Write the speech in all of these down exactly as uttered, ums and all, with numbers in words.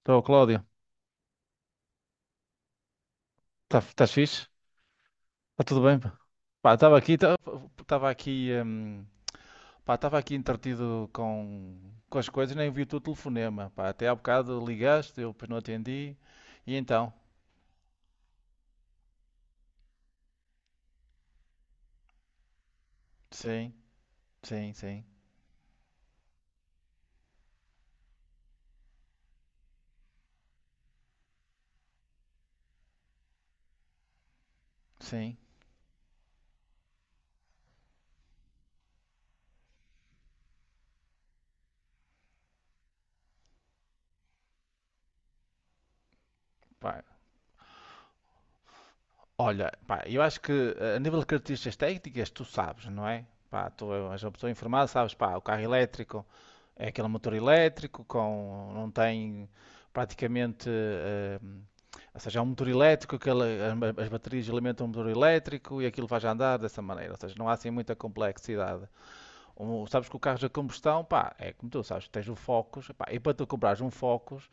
Estou, Cláudio. Tá, estás fixe? Está tudo bem, pá? Pá, estava aqui, estava aqui, hum, pá, estava aqui entretido com, com as coisas, nem vi o teu telefonema, pá. Até há bocado ligaste, eu depois não atendi. E então? Sim, sim, sim, sim. Pá, olha, pá, eu acho que eh, a nível de características técnicas, tu sabes, não é? Pá, tu és uma pessoa informada, sabes, pá, o carro elétrico é aquele motor elétrico com não tem praticamente, eh, ou seja, é um motor elétrico, aquele, as as baterias alimentam um motor elétrico e aquilo faz andar dessa maneira, ou seja, não há assim muita complexidade. Um, sabes que o carro de combustão, pá, é como tu sabes, tens o Focus, pá, e para tu comprares um Focus.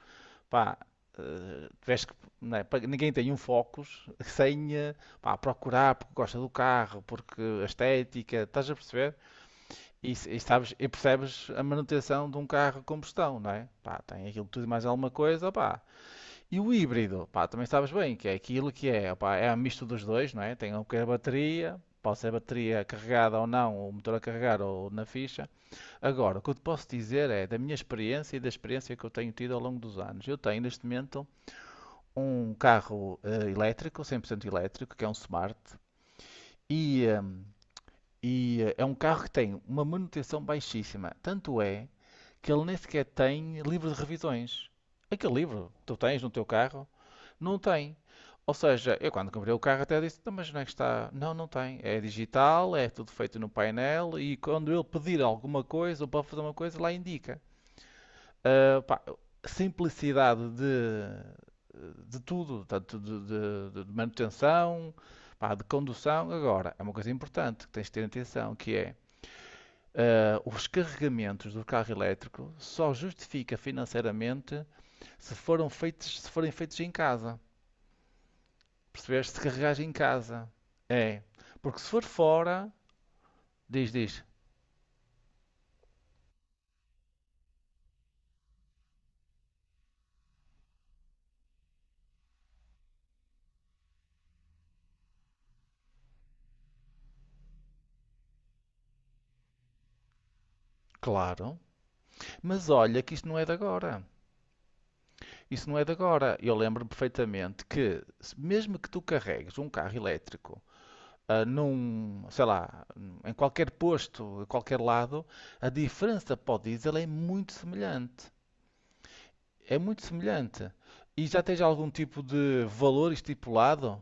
Pá, eh, tiveste que, não é? Pa- Ninguém tem um Focus sem eh, pá, procurar porque gosta do carro, porque a estética, estás a perceber? E, s- e sabes, e percebes a manutenção de um carro a combustão, não é? Pá, tem aquilo tudo e mais alguma coisa, pá. E o híbrido, pá, também sabes bem que é aquilo que é, pá, é a misto dos dois, não é? Tem um que é a bateria, pode ser a bateria carregada ou não, o motor a carregar ou na ficha. Agora, o que eu te posso dizer é da minha experiência e da experiência que eu tenho tido ao longo dos anos. Eu tenho neste momento um carro eh, elétrico, cem por cento elétrico, que é um Smart, e, eh, e, eh, é um carro que tem uma manutenção baixíssima. Tanto é que ele nem sequer tem livro de revisões. Aquele livro que tu tens no teu carro, não tem. Ou seja, eu quando comprei o carro até disse, "Então, mas não é que está? Não, não tem. É digital, é tudo feito no painel e quando ele pedir alguma coisa ou para fazer uma coisa, lá indica." Ah, pá, simplicidade de, de tudo, tanto de, de- de manutenção, pá, de condução. Agora, é uma coisa importante que tens de ter atenção, que é ah, os carregamentos do carro elétrico só justifica financeiramente se foram feitos, se forem feitos em casa. Percebeste? Se carregares em casa. É. Porque se for fora, diz, diz, claro, mas olha que isto não é de agora. Isso não é de agora. Eu lembro-me perfeitamente que, mesmo que tu carregues um carro elétrico, ah, num, sei lá, em qualquer posto, em qualquer lado, a diferença para o diesel é muito semelhante. É muito semelhante. E já tens algum tipo de valor estipulado?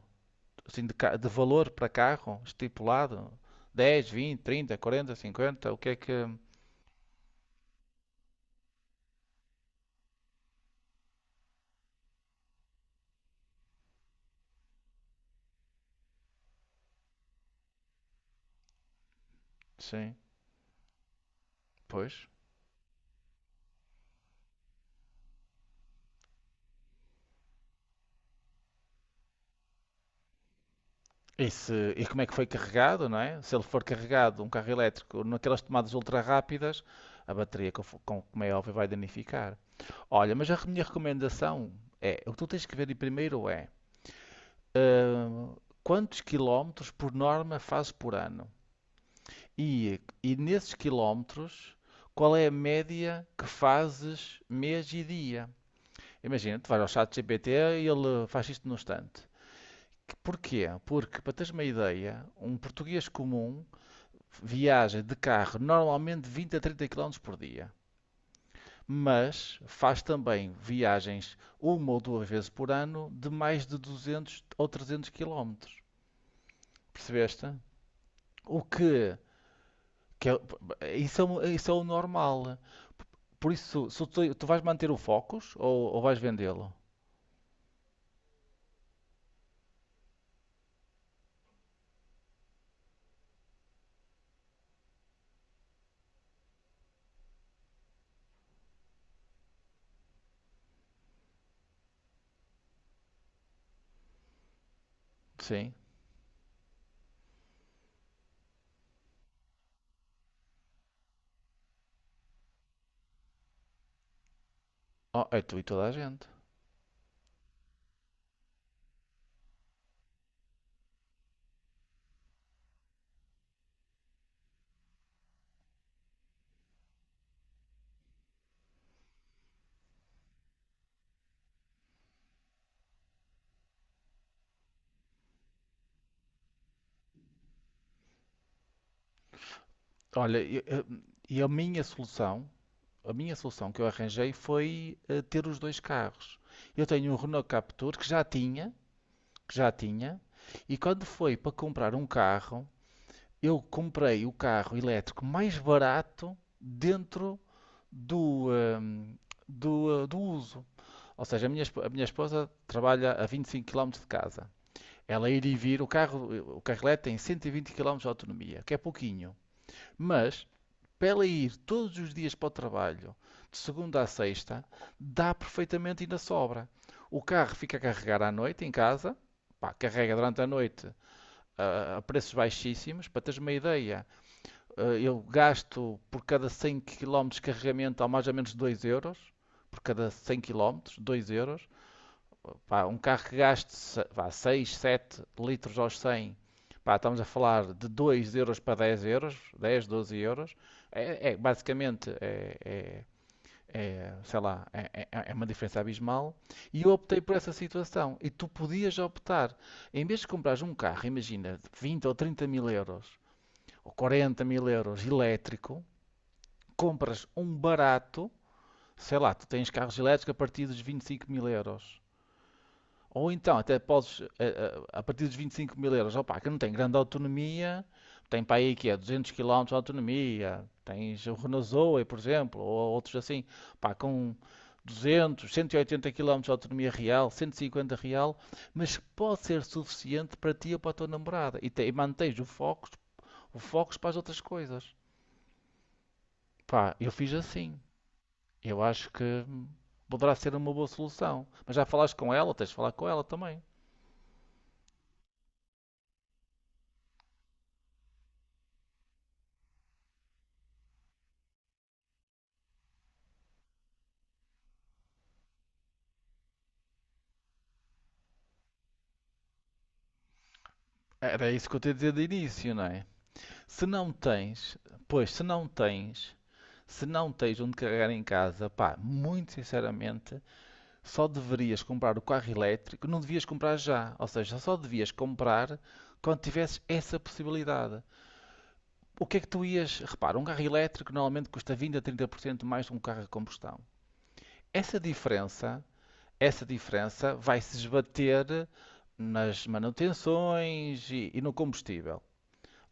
Assim, de, ca- de valor para carro estipulado? Dez, vinte, trinta, quarenta, cinquenta. O que é que. Sim, pois. E, se- e como é que foi carregado, não é? Se ele for carregado, um carro elétrico, naquelas tomadas ultra rápidas, a bateria, com, com, como é óbvio, vai danificar. Olha, mas a minha recomendação é, o que tu tens que ver aí primeiro é hum, quantos quilómetros por norma fazes por ano? E, e nesses quilómetros, qual é a média que fazes mês e dia? Imagina, tu vais ao chat G P T e ele faz isto no instante. Porquê? Porque, para teres uma ideia, um português comum viaja de carro normalmente vinte a trinta quilómetros por dia, mas faz também viagens uma ou duas vezes por ano de mais de duzentos ou trezentos quilómetros. Percebeste? O que, que é, isso, é, o- Isso é o normal. Por isso, se tu, tu vais manter o Focus ou, ou vais vendê-lo? Sim. Oh, é tu e toda a gente. Olha, e a minha solução, a minha solução que eu arranjei foi eh, ter os dois carros. Eu tenho um Renault Captur que já tinha, que já tinha, e quando foi para comprar um carro, eu comprei o carro elétrico mais barato dentro do, hum, do, eh, do uso. Ou seja, a minha, esp- a minha esposa trabalha a vinte e cinco quilómetros de casa. Ela ir e vir, o carro, o carro elétrico tem cento e vinte quilómetros de autonomia, que é pouquinho. Mas, para ela ir todos os dias para o trabalho, de segunda a sexta, dá perfeitamente e ainda sobra. O carro fica a carregar à noite em casa, pá, carrega durante a noite a preços baixíssimos. Para teres uma ideia, eh, eu gasto por cada cem quilómetros de carregamento a mais ou menos dois euros. Por cada cem quilómetros dois euros. Pá, um carro que gaste seis sete litros aos cem. Pá, estamos a falar de dois euros para dez euros, dez doze euros. É, é basicamente é, é, é, sei lá, é, é- é é uma diferença abismal. E eu optei por essa situação. E tu podias optar, em vez de comprares um carro, imagina, de vinte ou trinta mil euros, ou quarenta mil euros elétrico, compras um barato, sei lá, tu tens carros elétricos a partir dos vinte e cinco mil euros. Ou então, até podes, eh, eh, a partir dos vinte e cinco mil euros, opa, que não tem grande autonomia, tem para aí que é duzentos quilómetros de autonomia, tens o Renault Zoe, por exemplo, ou outros assim, pá, com duzentos, cento e oitenta quilómetros de autonomia real, cento e cinquenta real, mas pode ser suficiente para ti ou para a tua namorada, e, te, e mantens o foco, o foco para as outras coisas. Pá, eu fiz assim, eu acho que poderá ser uma boa solução, mas já falaste com ela, tens de falar com ela também. Era isso que eu te ia dizer de início, não é? Se não tens, Pois, se não tens, se não tens onde carregar em casa, pá, muito sinceramente, só deverias comprar o carro elétrico, não devias comprar já. Ou seja, só devias comprar quando tivesses essa possibilidade. O que é que tu ias. Repara, um carro elétrico normalmente custa vinte a trinta por cento mais que um carro a combustão. Essa diferença, essa diferença vai se esbater nas manutenções e, e no combustível.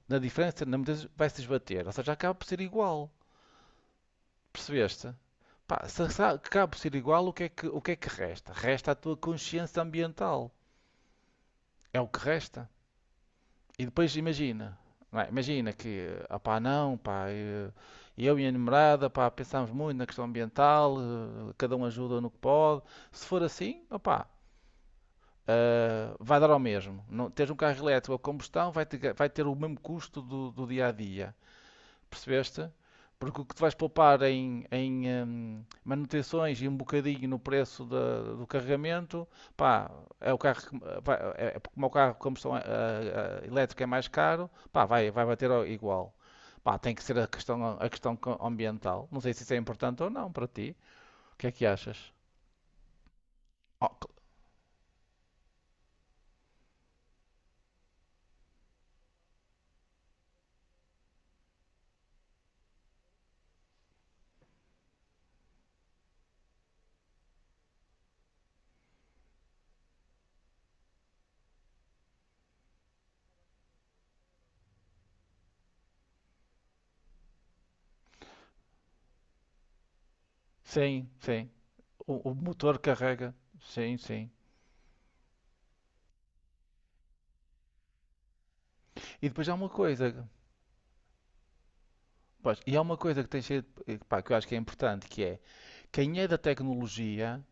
Na diferença, na mudança, vai-se esbater. Ou seja, acaba por ser igual. Percebeste? Pá, se acaba por ser igual, o que é que, o que é que resta? Resta a tua consciência ambiental. É o que resta. E depois imagina. Não é? Imagina que, ah pá, não, pá, eh, eu e a namorada, pá, pensamos muito na questão ambiental, eh, cada um ajuda no que pode. Se for assim, opá, ah, vai dar ao mesmo. Não, teres um carro elétrico a combustão vai ter, vai ter o mesmo custo do, do dia a dia. Percebeste? Porque o que tu vais poupar em, em, hum, manutenções e um bocadinho no preço da- do carregamento, pá, é o carro, que- vai- é, é- como o carro de combustão ah, ah, elétrica é mais caro, pá, vai, vai bater ao- igual. Pá, tem que ser a questão, a questão co- ambiental. Não sei se isso é importante ou não para ti. O que é que achas? Oh, cl- sim, sim. O, o motor carrega. Sim, sim. E depois há uma coisa, pois, e há uma coisa que tem sido, eh, pá, que eu acho que é importante, que é quem é da tecnologia,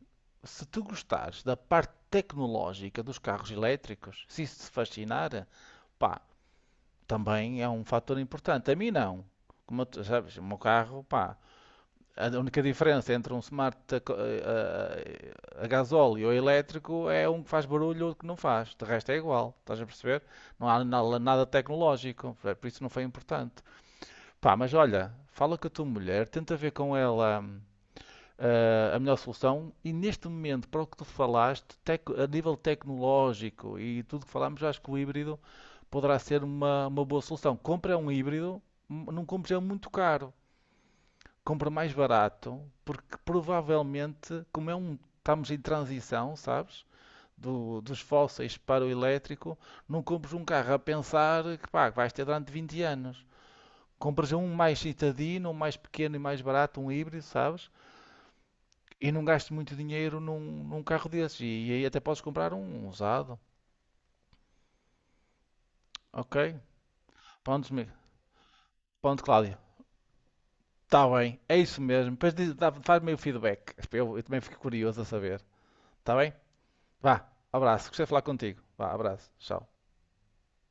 se tu gostares da parte tecnológica dos carros elétricos, se isso te fascinar, pá, também é um fator importante. A mim não. Como tu sabes, o meu carro, pá, a única diferença entre um smart a, co- a- a- a gasóleo ou elétrico é um que faz barulho e outro que não faz. De resto é igual, estás a perceber? Não há na- nada tecnológico, por isso não foi importante. Pá, mas olha, fala com a tua mulher, tenta ver com ela, hum, eh, a melhor solução. E neste momento, para o que tu falaste, tec- a nível tecnológico e tudo que falámos, eu acho que o híbrido poderá ser uma, uma boa solução. Compra um híbrido, m- não compres ele muito caro. Compra mais barato, porque provavelmente, como é um, estamos em transição, sabes? Do- dos fósseis para o elétrico, não compres um carro a pensar que pá, que vais ter durante vinte anos. Compras um mais citadino, um mais pequeno e mais barato, um híbrido, sabes? E não gasto muito dinheiro num, num carro desses. E, e aí até podes comprar um um usado. Ok? Ponto, mi- ponto Cláudio. Está bem. É isso mesmo. Depois diz- dá- faz-me o feedback. Eu, eu também fico curioso a saber. Está bem? Vá. Abraço. Gostei de falar contigo. Vá. Abraço. Tchau.